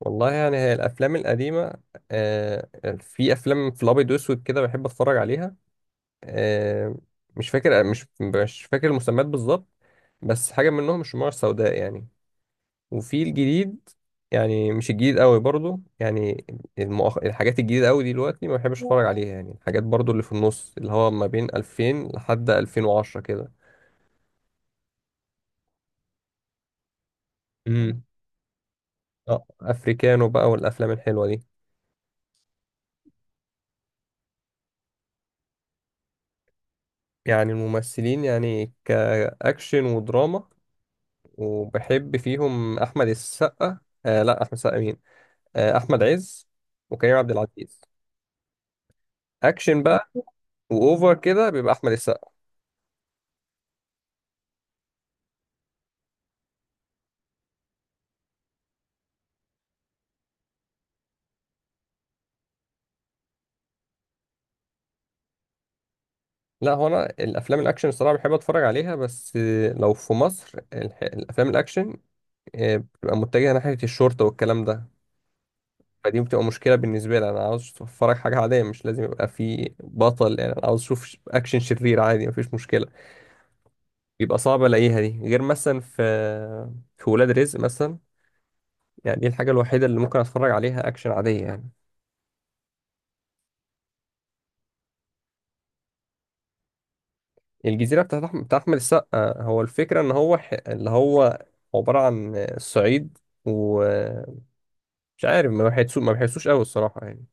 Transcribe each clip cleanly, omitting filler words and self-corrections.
والله، يعني هي الافلام القديمه. آه، في افلام في الابيض واسود كده بحب اتفرج عليها. آه، مش فاكر المسميات بالظبط، بس حاجه منهم الشموع السوداء يعني. وفي الجديد، يعني مش الجديد قوي برضو يعني. الحاجات الجديده قوي دلوقتي ما بحبش اتفرج عليها، يعني الحاجات برضو اللي في النص اللي هو ما بين 2000 لحد 2010 كده. امم، اه، افريكانو بقى والافلام الحلوه دي. يعني الممثلين، يعني كاكشن ودراما. وبحب فيهم أحمد السقا. آه لا، أحمد السقا مين؟ آه، أحمد عز وكريم عبد العزيز. أكشن بقى. وأوفر كده بيبقى أحمد السقا. لا، هو أنا الأفلام الأكشن الصراحة بحب أتفرج عليها، بس لو في مصر الأفلام الأكشن بتبقى متجهة ناحية الشرطة والكلام ده. فدي بتبقى مشكلة بالنسبة لي. أنا عاوز أتفرج حاجة عادية، مش لازم يبقى في بطل. يعني أنا عاوز أشوف أكشن شرير عادي، مفيش مشكلة. بيبقى صعب ألاقيها دي، غير مثلا في ولاد رزق مثلا. يعني دي الحاجة الوحيدة اللي ممكن اتفرج عليها اكشن عادية يعني. الجزيرة بتاع احمد السقا، هو الفكرة ان هو اللي هو عبارة عن الصعيد ومش عارف. ما بحسوش قوي الصراحة يعني.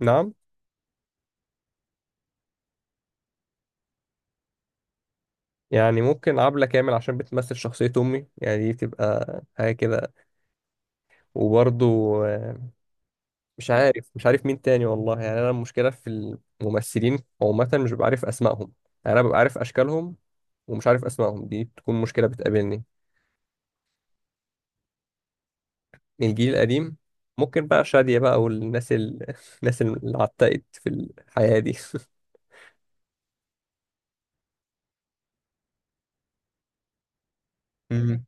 نعم. يعني ممكن عبلة كامل، عشان بتمثل شخصية أمي يعني، دي بتبقى حاجة كده. وبرضو مش عارف مين تاني. والله يعني أنا المشكلة في الممثلين عامة مش ببقى عارف أسمائهم. يعني أنا ببقى عارف أشكالهم، ومش عارف أسمائهم، دي بتكون مشكلة بتقابلني. الجيل القديم ممكن بقى شادية بقى، والناس الناس اللي عتقت في الحياة دي. مم.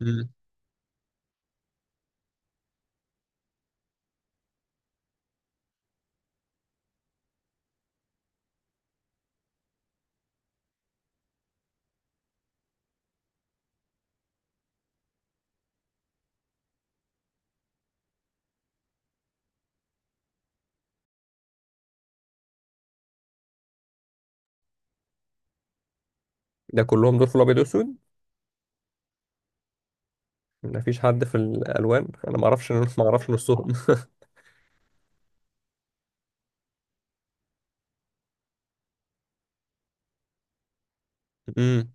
مم. ده كلهم دول في الأبيض وأسود، مفيش حد في الألوان أنا ما أعرفش ما أعرفش نصهم. امم،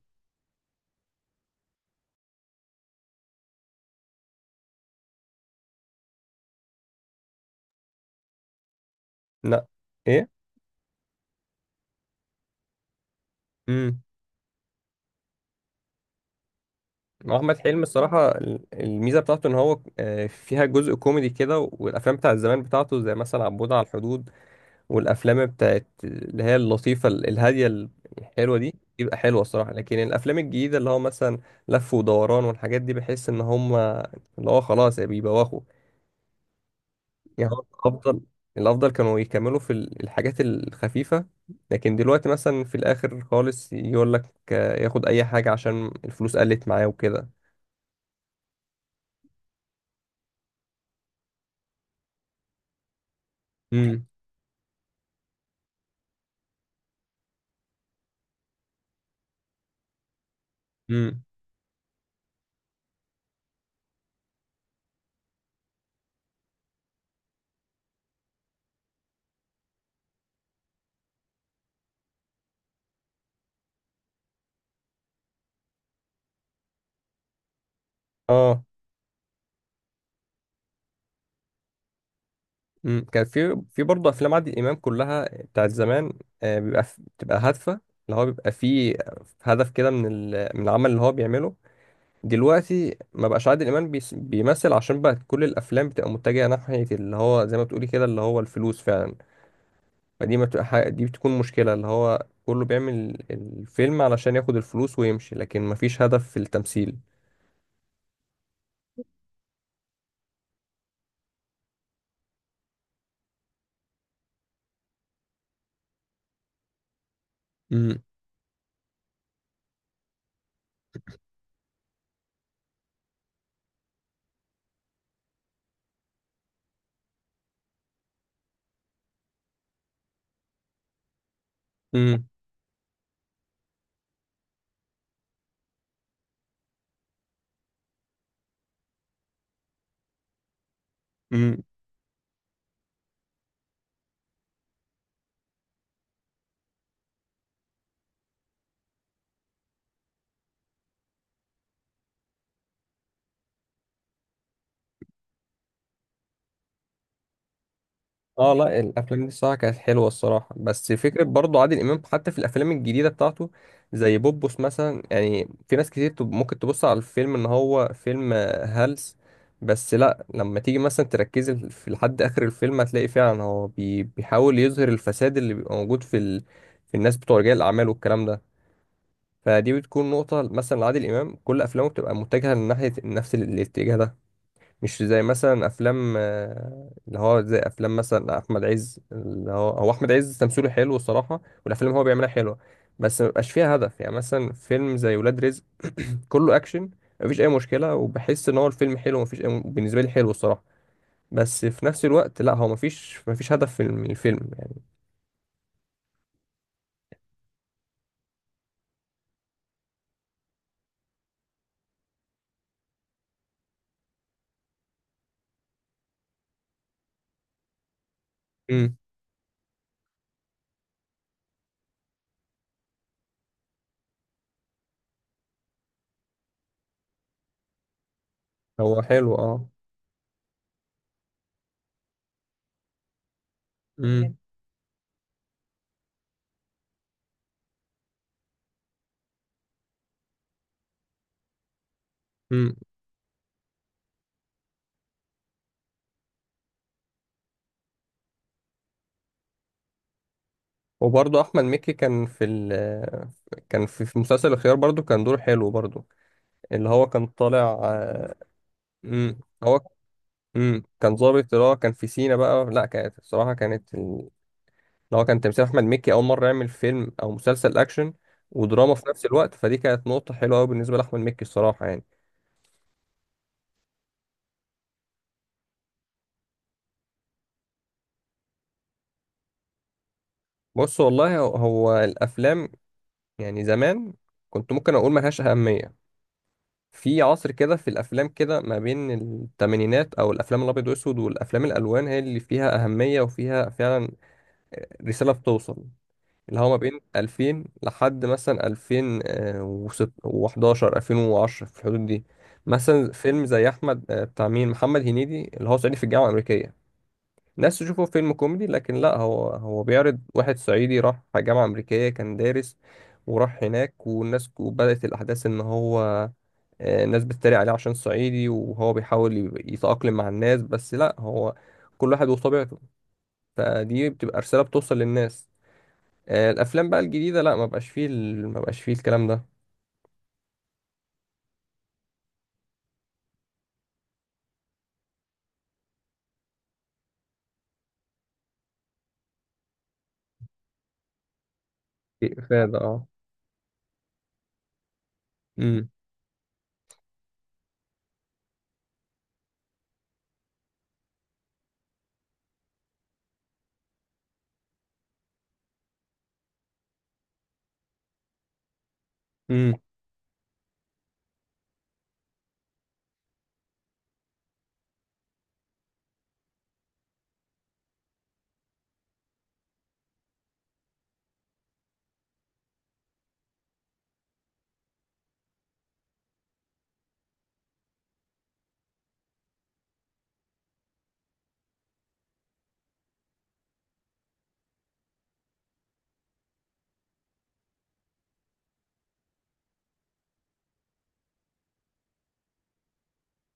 لا، إيه، امم. أحمد حلمي الصراحة الميزة بتاعته إن هو فيها جزء كوميدي كده، والأفلام بتاعت زمان بتاعته زي مثلا عبود على الحدود. والافلام بتاعت اللي هي اللطيفه الهاديه الحلوه دي بيبقى حلوه الصراحه. لكن الافلام الجديده اللي هو مثلا لف ودوران والحاجات دي بحس ان هم اللي هو خلاص يا بيبوخوا. يعني هو الافضل كانوا يكملوا في الحاجات الخفيفه. لكن دلوقتي مثلا في الاخر خالص يقول لك ياخد اي حاجه عشان الفلوس قلت معاه وكده. امم، امم، اه. مم. كان في برضه افلام عادل امام كلها بتاعت زمان. بتبقى هادفه، اللي هو بيبقى فيه هدف كده من من العمل اللي هو بيعمله. دلوقتي ما بقاش عادل امام بيمثل، عشان بقى كل الافلام بتبقى متجهه ناحيه اللي هو زي ما بتقولي كده اللي هو الفلوس فعلا. فدي ما بتبقى حاجة- دي بتكون مشكله، اللي هو كله بيعمل الفيلم علشان ياخد الفلوس ويمشي، لكن ما فيش هدف في التمثيل. امم، اه. لا، الافلام دي الصراحه كانت حلوه الصراحه، بس فكره برضو عادل امام حتى في الافلام الجديده بتاعته. زي بوبوس مثلا، يعني في ناس كتير ممكن تبص على الفيلم ان هو فيلم هلس. بس لا، لما تيجي مثلا تركز في لحد اخر الفيلم هتلاقي فعلا هو بيحاول يظهر الفساد اللي بيبقى موجود في الناس بتوع رجال الاعمال والكلام ده. فدي بتكون نقطه مثلا لعادل امام، كل افلامه بتبقى متجهه لناحيه نفس الاتجاه ده. مش زي مثلا افلام اللي هو زي افلام مثلا احمد عز. اللي هو احمد عز تمثيله حلو الصراحه، والافلام اللي هو بيعملها حلوه. بس ما بيبقاش فيها هدف يعني. مثلا فيلم زي ولاد رزق، كله اكشن، مفيش اي مشكله، وبحس ان هو الفيلم حلو، بالنسبه لي حلو الصراحه. بس في نفس الوقت لا، هو مفيش هدف في الفيلم يعني. امم، هو حلو اه. امم. امم. وبرضه احمد مكي كان في مسلسل الخيار برضه كان دوره حلو برضه، اللي هو كان طالع. امم، هو. امم. كان ظابط اللي هو كان في سينا بقى. لا، كانت الصراحه اللي هو كان تمثيل احمد مكي اول مره يعمل فيلم او مسلسل اكشن ودراما في نفس الوقت، فدي كانت نقطه حلوه قوي بالنسبه لاحمد مكي الصراحه يعني. بص والله هو الافلام. يعني زمان كنت ممكن اقول ما لهاش اهميه. في عصر كده، في الافلام كده ما بين الثمانينات او الافلام الابيض واسود والافلام الالوان هي اللي فيها اهميه وفيها فعلا رساله بتوصل. اللي هو ما بين 2000 لحد مثلا 2011 2010 في الحدود دي. مثلا فيلم زي احمد بتاع مين محمد هنيدي، اللي هو صعيدي في الجامعه الامريكيه. الناس تشوفه فيلم كوميدي، لكن لا هو بيعرض واحد صعيدي راح جامعه امريكيه كان دارس. وراح هناك والناس، وبدات الاحداث ان هو الناس بتتريق عليه عشان صعيدي، وهو بيحاول يتاقلم مع الناس، بس لا، هو كل واحد وطبيعته. فدي بتبقى رساله بتوصل للناس. الافلام بقى الجديده لا، ما بقاش فيه الكلام ده. في افاده اه. امم. امم.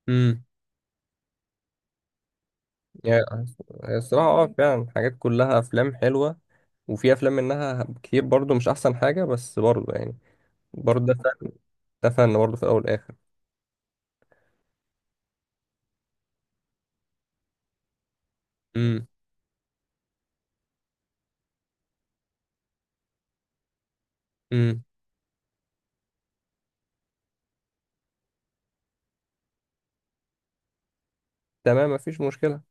امم. يعني هي الصراحه اه فعلا الحاجات كلها افلام حلوه. وفي افلام منها كتير برضو مش احسن حاجه، بس برضو يعني برضو ده فن. ده فن برضو في الاول والاخر. امم. امم. تمام، مفيش مشكله.